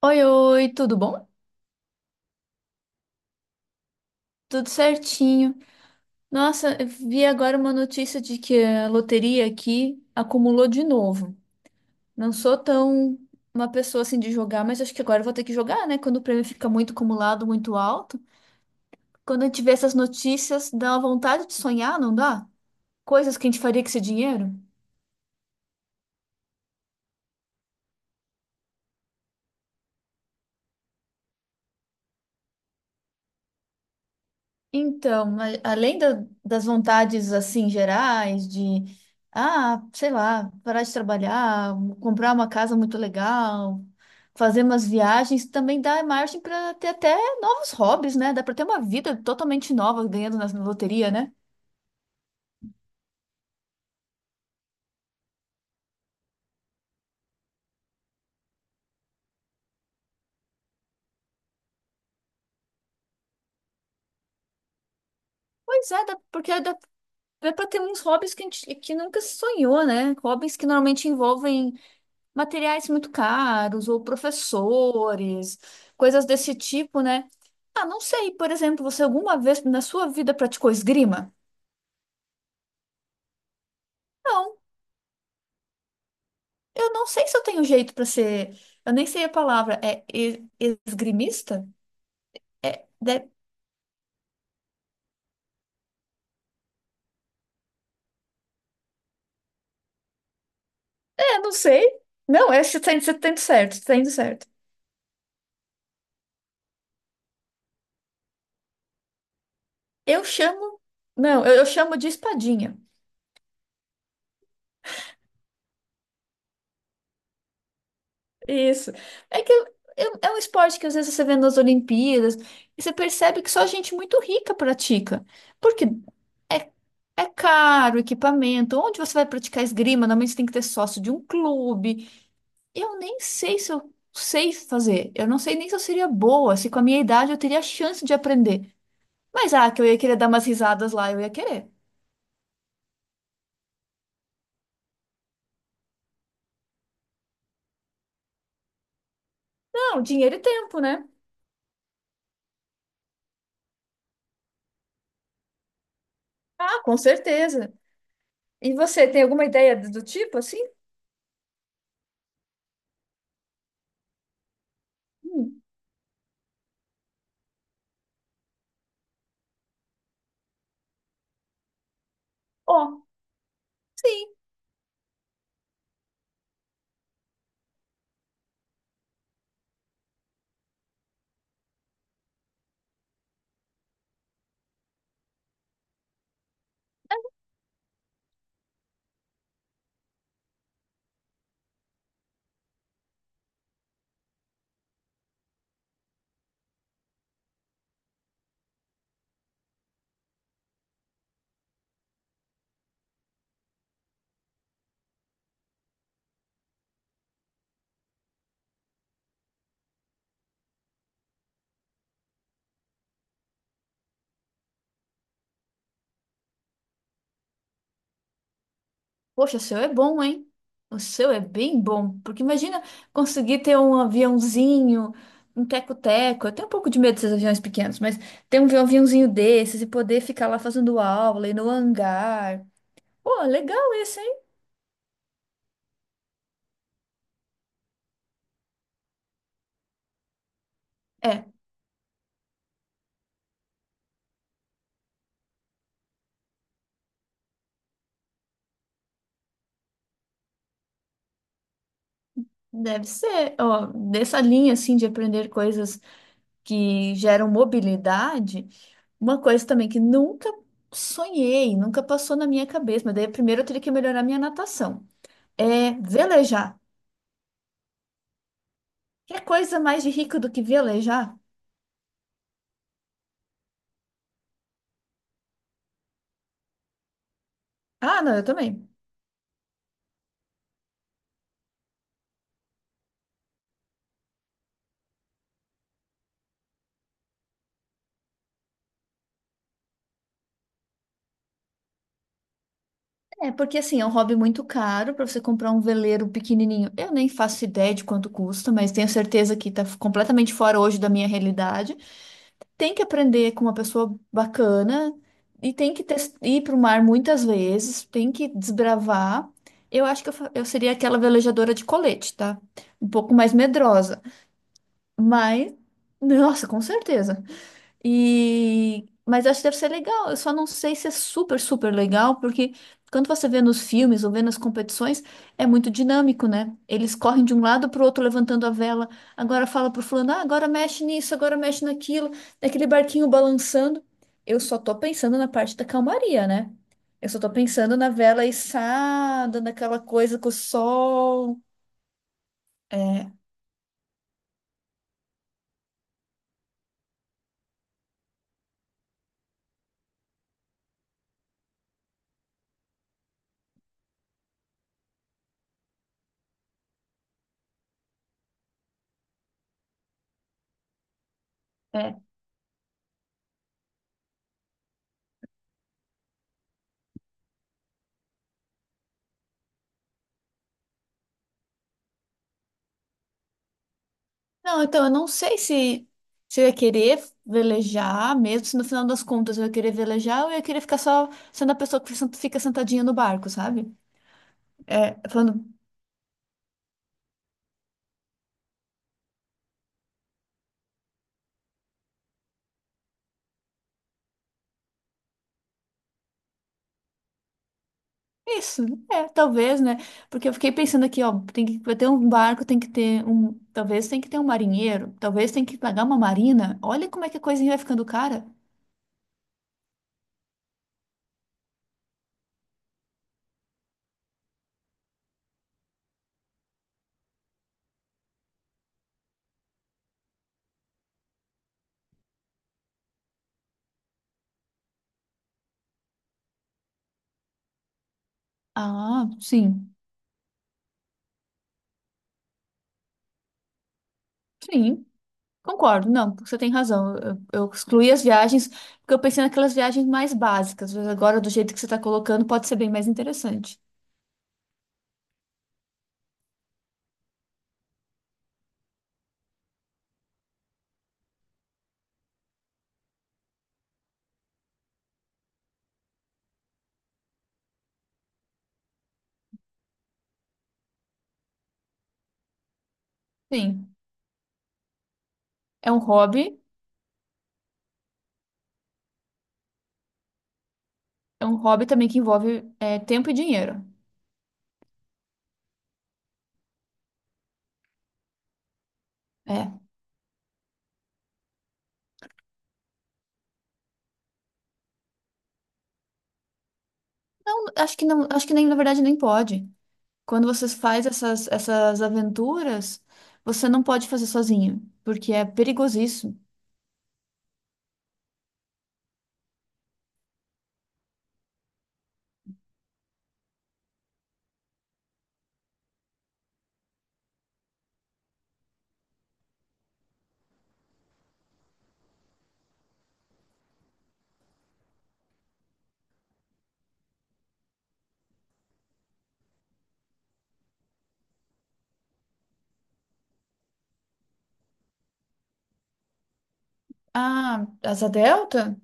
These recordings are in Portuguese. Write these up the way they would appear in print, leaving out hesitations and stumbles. Oi, oi, tudo bom? Tudo certinho. Nossa, eu vi agora uma notícia de que a loteria aqui acumulou de novo. Não sou tão uma pessoa assim de jogar, mas acho que agora eu vou ter que jogar, né? Quando o prêmio fica muito acumulado, muito alto. Quando a gente vê essas notícias, dá uma vontade de sonhar, não dá? Coisas que a gente faria com esse dinheiro. Então, mas das vontades assim gerais de, ah, sei lá, parar de trabalhar, comprar uma casa muito legal, fazer umas viagens, também dá margem para ter até novos hobbies, né? Dá para ter uma vida totalmente nova ganhando na loteria, né? Pois é, dá, porque dá, dá para ter uns hobbies que a gente que nunca se sonhou, né? Hobbies que normalmente envolvem materiais muito caros ou professores, coisas desse tipo, né? Ah, não sei, por exemplo, você alguma vez na sua vida praticou esgrima? Não, eu não sei se eu tenho jeito para ser. Eu nem sei a palavra. Esgrimista? É, de- é, não sei. Não, é, você tá indo certo, você tá indo certo. Eu chamo. Não, eu chamo de espadinha. Isso. É que é, é um esporte que às vezes você vê nas Olimpíadas e você percebe que só gente muito rica pratica. Porque é, é caro o equipamento. Onde você vai praticar esgrima? Normalmente você tem que ter sócio de um clube. Eu nem sei se eu sei fazer. Eu não sei nem se eu seria boa, se com a minha idade eu teria a chance de aprender. Mas ah, que eu ia querer dar umas risadas lá, eu ia querer. Não, dinheiro e tempo, né? Ah, com certeza. E você tem alguma ideia do tipo assim? Hum. Ó. Poxa, o seu é bom, hein? O seu é bem bom. Porque imagina conseguir ter um aviãozinho, um teco-teco. Eu tenho um pouco de medo desses aviões pequenos, mas ter um aviãozinho desses e poder ficar lá fazendo aula e no hangar. Pô, legal esse, hein? É, deve ser. Ó, dessa linha, assim, de aprender coisas que geram mobilidade, uma coisa também que nunca sonhei, nunca passou na minha cabeça, mas daí primeiro eu teria que melhorar minha natação. É velejar. Que coisa mais de rico do que velejar? Ah, não, eu também. É, porque assim, é um hobby muito caro para você comprar um veleiro pequenininho. Eu nem faço ideia de quanto custa, mas tenho certeza que tá completamente fora hoje da minha realidade. Tem que aprender com uma pessoa bacana e ir para o mar muitas vezes, tem que desbravar. Eu acho que eu seria aquela velejadora de colete, tá? Um pouco mais medrosa, mas nossa, com certeza. E... Mas eu acho que deve ser legal. Eu só não sei se é super, super legal, porque quando você vê nos filmes ou vê nas competições, é muito dinâmico, né? Eles correm de um lado para o outro levantando a vela. Agora fala pro fulano, ah, agora mexe nisso, agora mexe naquilo, daquele barquinho balançando. Eu só tô pensando na parte da calmaria, né? Eu só tô pensando na vela içada, naquela coisa com o sol. É. é. Não, então eu não sei se, se eu ia querer velejar, mesmo se no final das contas eu ia querer velejar ou eu ia querer ficar só sendo a pessoa fica sentadinha no barco, sabe? É, falando, isso, é, talvez, né? Porque eu fiquei pensando aqui, ó, tem que vai ter um barco, tem que ter um. Talvez tem que ter um marinheiro, talvez tem que pagar uma marina. Olha como é que a coisinha vai ficando cara. Ah, sim, sim. Concordo, não, você tem razão. Eu excluí as viagens porque eu pensei naquelas viagens mais básicas, mas agora, do jeito que você está colocando, pode ser bem mais interessante. Sim, é um hobby, é um hobby também que envolve é, tempo e dinheiro. É. Não, acho que não, acho que nem, na verdade, nem pode. Quando você faz essas, essas aventuras, você não pode fazer sozinho, porque é perigosíssimo. Ah, asa delta?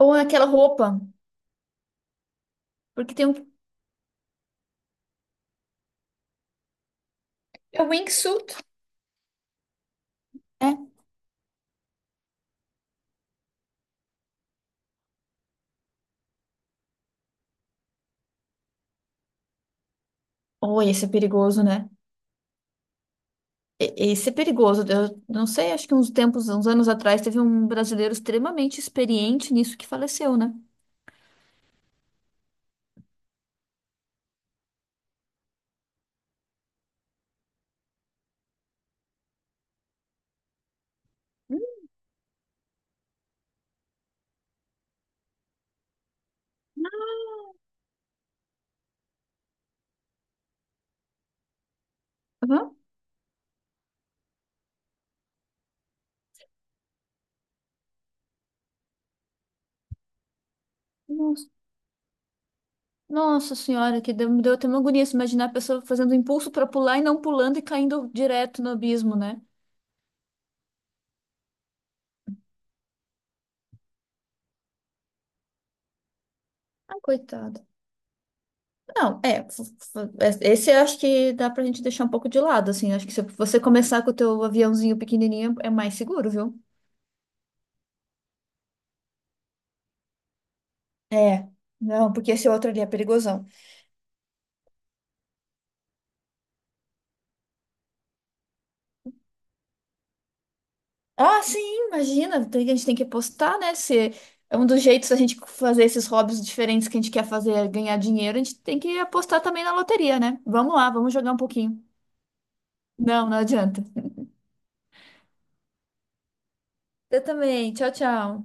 Ou aquela roupa, porque tem um. É um wingsuit. É. Oi, esse é perigoso, né? Isso é perigoso. Eu não sei, acho que uns tempos, uns anos atrás, teve um brasileiro extremamente experiente nisso que faleceu, né? Aham. Nossa, nossa senhora, que deu, me deu até uma agonia se imaginar a pessoa fazendo impulso para pular e não pulando e caindo direto no abismo, né? Ah, coitado. Não, é, f- f- é, esse eu acho que dá pra gente deixar um pouco de lado, assim. Acho que se você começar com o teu aviãozinho pequenininho é mais seguro, viu? É, não, porque esse outro ali é perigoso. Ah, sim, imagina. A gente tem que postar, né? Se é um dos jeitos da gente fazer esses hobbies diferentes que a gente quer fazer, é ganhar dinheiro, a gente tem que apostar também na loteria, né? Vamos lá, vamos jogar um pouquinho. Não, não adianta. Eu também. Tchau, tchau.